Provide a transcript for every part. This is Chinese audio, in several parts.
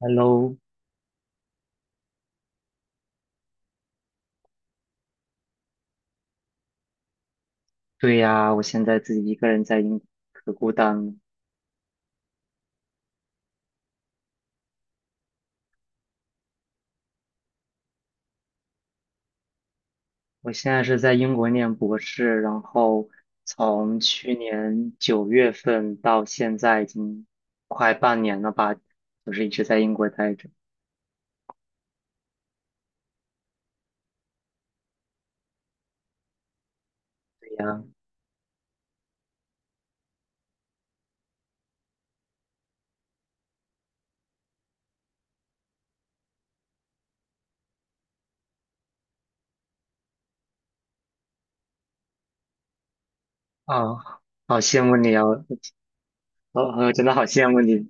Hello，对呀，我现在自己一个人在英国，可孤单了。我现在是在英国念博士，然后从去年九月份到现在已经快半年了吧，就是一直在英国待着。对呀，啊，好羡慕你啊，我我真的好羡慕你。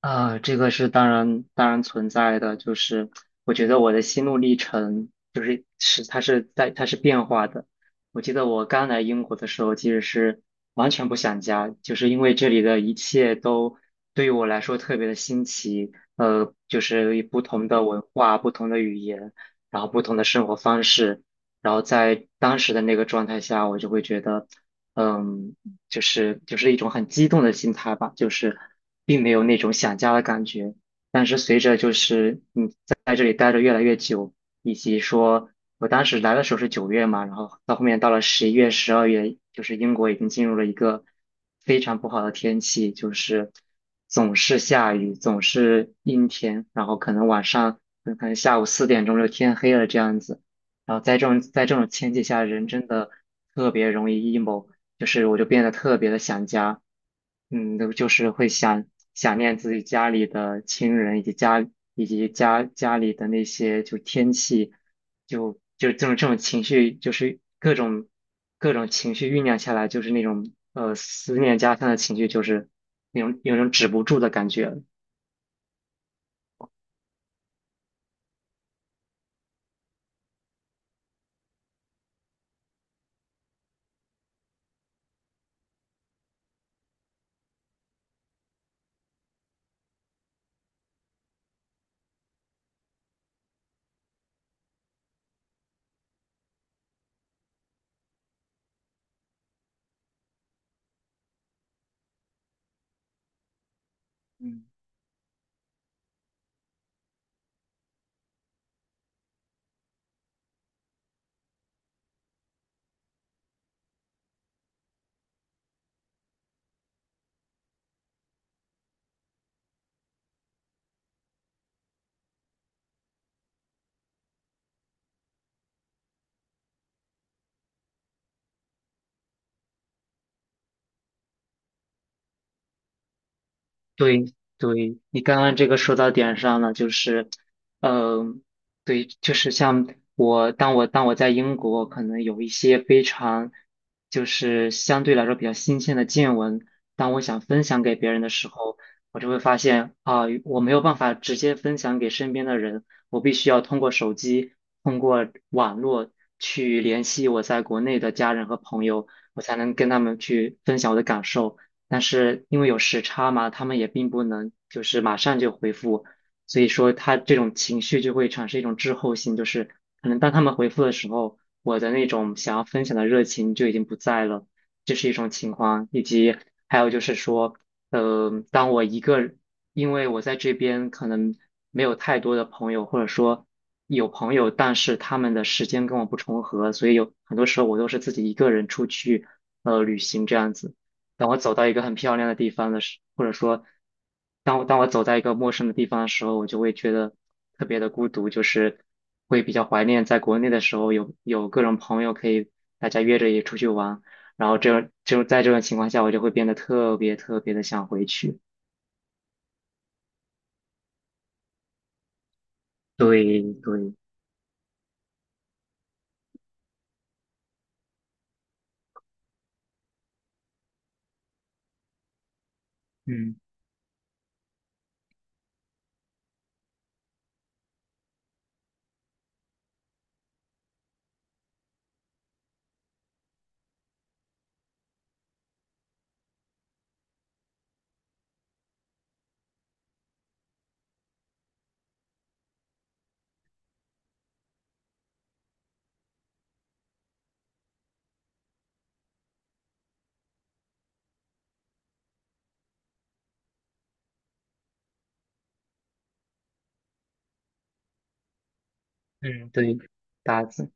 啊，这个是当然存在的，就是我觉得我的心路历程就是是它是在它是变化的。我记得我刚来英国的时候，其实是完全不想家，就是因为这里的一切都对于我来说特别的新奇，就是不同的文化、不同的语言，然后不同的生活方式，然后在当时的那个状态下，我就会觉得。嗯，就是一种很激动的心态吧，就是并没有那种想家的感觉。但是随着就是你在这里待着越来越久，以及说我当时来的时候是九月嘛，然后到后面到了十一月、十二月，就是英国已经进入了一个非常不好的天气，就是总是下雨，总是阴天，然后可能晚上可能下午四点钟就天黑了这样子。然后在这种天气下，人真的特别容易 emo。就是我就变得特别的想家，嗯，就是会想念自己家里的亲人，以及家里的那些就天气，就这种情绪，就是各种情绪酝酿下来，就是那种思念家乡的情绪，就是那种有种止不住的感觉。对对，你刚刚这个说到点上了，就是，嗯、对，就是像我，当我在英国，可能有一些非常，就是相对来说比较新鲜的见闻，当我想分享给别人的时候，我就会发现啊、我没有办法直接分享给身边的人，我必须要通过手机，通过网络去联系我在国内的家人和朋友，我才能跟他们去分享我的感受。但是因为有时差嘛，他们也并不能就是马上就回复，所以说他这种情绪就会产生一种滞后性，就是可能当他们回复的时候，我的那种想要分享的热情就已经不在了，这是一种情况，以及还有就是说，当我一个人因为我在这边可能没有太多的朋友，或者说有朋友，但是他们的时间跟我不重合，所以有很多时候我都是自己一个人出去，旅行这样子。当我走到一个很漂亮的地方的时，或者说，当我走在一个陌生的地方的时候，我就会觉得特别的孤独，就是会比较怀念在国内的时候有各种朋友可以大家约着也出去玩，然后这种就在这种情况下，我就会变得特别特别的想回去。对对，嗯嗯对，大子。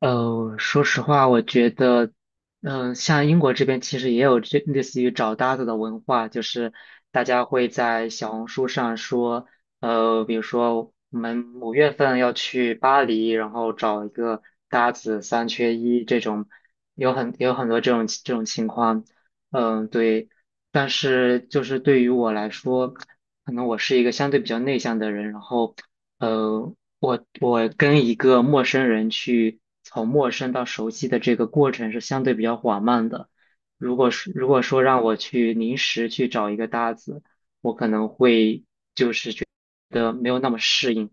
说实话，我觉得，嗯、像英国这边其实也有这类似于找搭子的文化，就是大家会在小红书上说，比如说我们五月份要去巴黎，然后找一个搭子三缺一这种，有很多这种情况，嗯、对。但是就是对于我来说，可能我是一个相对比较内向的人，然后。我跟一个陌生人去从陌生到熟悉的这个过程是相对比较缓慢的。如果说让我去临时去找一个搭子，我可能会的没有那么适应，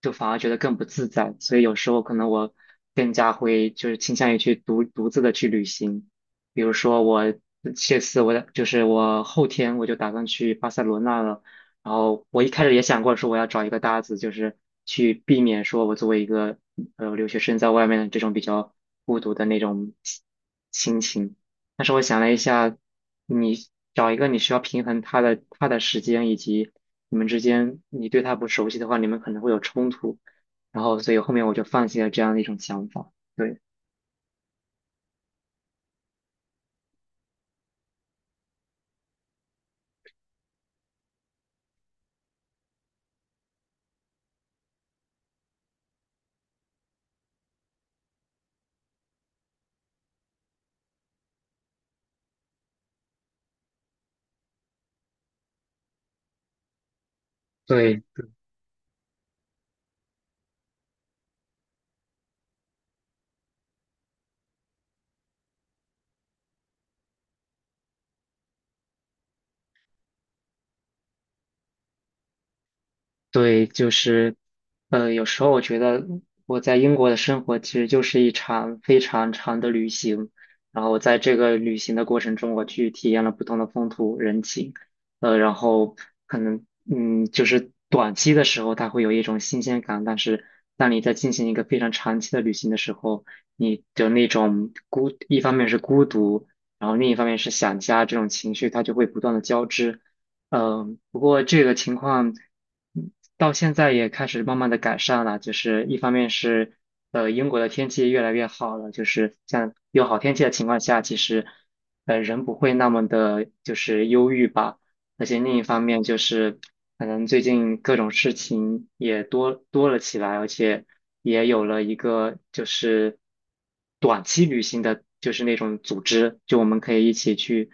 就反而觉得更不自在。所以有时候可能我更加会就是倾向于去独自的去旅行。比如说我这次我的就是我后天我就打算去巴塞罗那了，然后我一开始也想过说我要找一个搭子，就是去避免说我作为一个留学生在外面的这种比较孤独的那种心情。但是我想了一下，你找一个你需要平衡他的时间以及你们之间你对他不熟悉的话，你们可能会有冲突，然后所以后面我就放弃了这样的一种想法。对，对。对，就是，有时候我觉得我在英国的生活其实就是一场非常长的旅行，然后我在这个旅行的过程中，我去体验了不同的风土人情，然后可能，就是短期的时候它会有一种新鲜感，但是当你在进行一个非常长期的旅行的时候，你的那种孤，一方面是孤独，然后另一方面是想家这种情绪，它就会不断的交织。嗯，不过这个情况嗯到现在也开始慢慢的改善了，就是一方面是英国的天气越来越好了，就是像有好天气的情况下，其实人不会那么的就是忧郁吧。而且另一方面就是，可能最近各种事情也多多了起来，而且也有了一个就是短期旅行的，就是那种组织，就我们可以一起去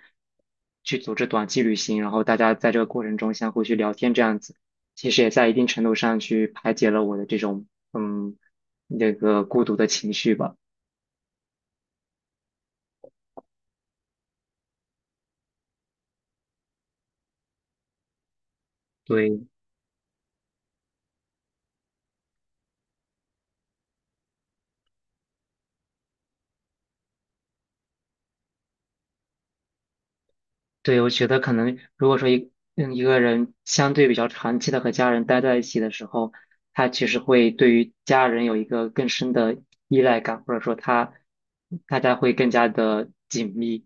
去组织短期旅行，然后大家在这个过程中相互去聊天，这样子，其实也在一定程度上去排解了我的这种嗯那个孤独的情绪吧。对。对，我觉得可能如果说一个人相对比较长期的和家人待在一起的时候，他其实会对于家人有一个更深的依赖感，或者说大家会更加的紧密。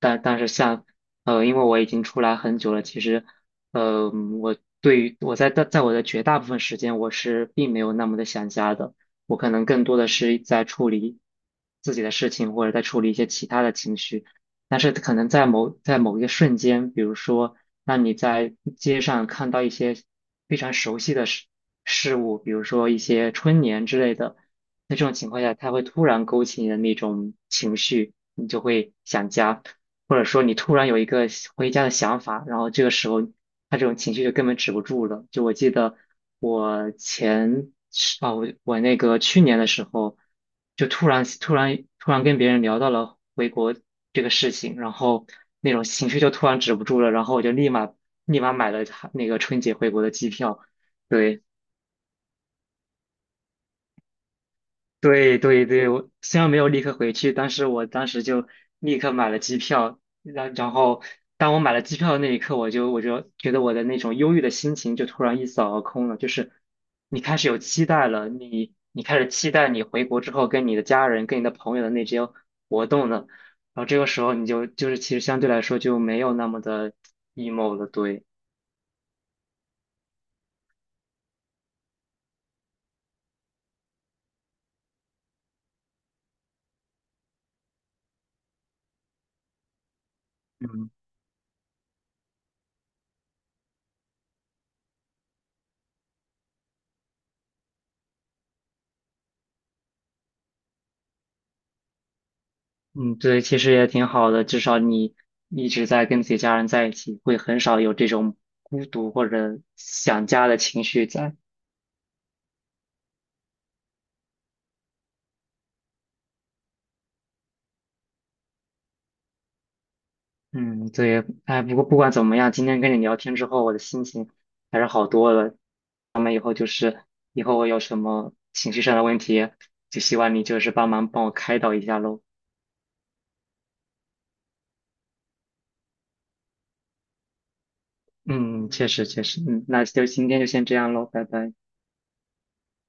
但是像因为我已经出来很久了，其实我对于我在我的绝大部分时间，我是并没有那么的想家的，我可能更多的是在处理自己的事情，或者在处理一些其他的情绪。但是可能在某一个瞬间，比如说，让你在街上看到一些非常熟悉的事物，比如说一些春联之类的，在这种情况下，它会突然勾起你的那种情绪，你就会想家。或者说你突然有一个想回家的想法，然后这个时候他这种情绪就根本止不住了。就我记得，我前啊，哦我我那个去年的时候，就突然跟别人聊到了回国这个事情，然后那种情绪就突然止不住了，然后我就立马买了他那个春节回国的机票。对，对对对，我虽然没有立刻回去，但是我当时就立刻买了机票，然后当我买了机票的那一刻，我就觉得我的那种忧郁的心情就突然一扫而空了，就是你开始有期待了，你开始期待你回国之后跟你的家人、跟你的朋友的那些活动了，然后这个时候就是其实相对来说就没有那么的 emo 了，对，嗯。嗯，对，其实也挺好的，至少你一直在跟自己家人在一起，会很少有这种孤独或者想家的情绪在。嗯，对，哎，不过不管怎么样，今天跟你聊天之后，我的心情还是好多了。咱们以后就是以后我有什么情绪上的问题，就希望你就是帮我开导一下喽。嗯，确实确实，嗯，那就今天就先这样喽，拜拜。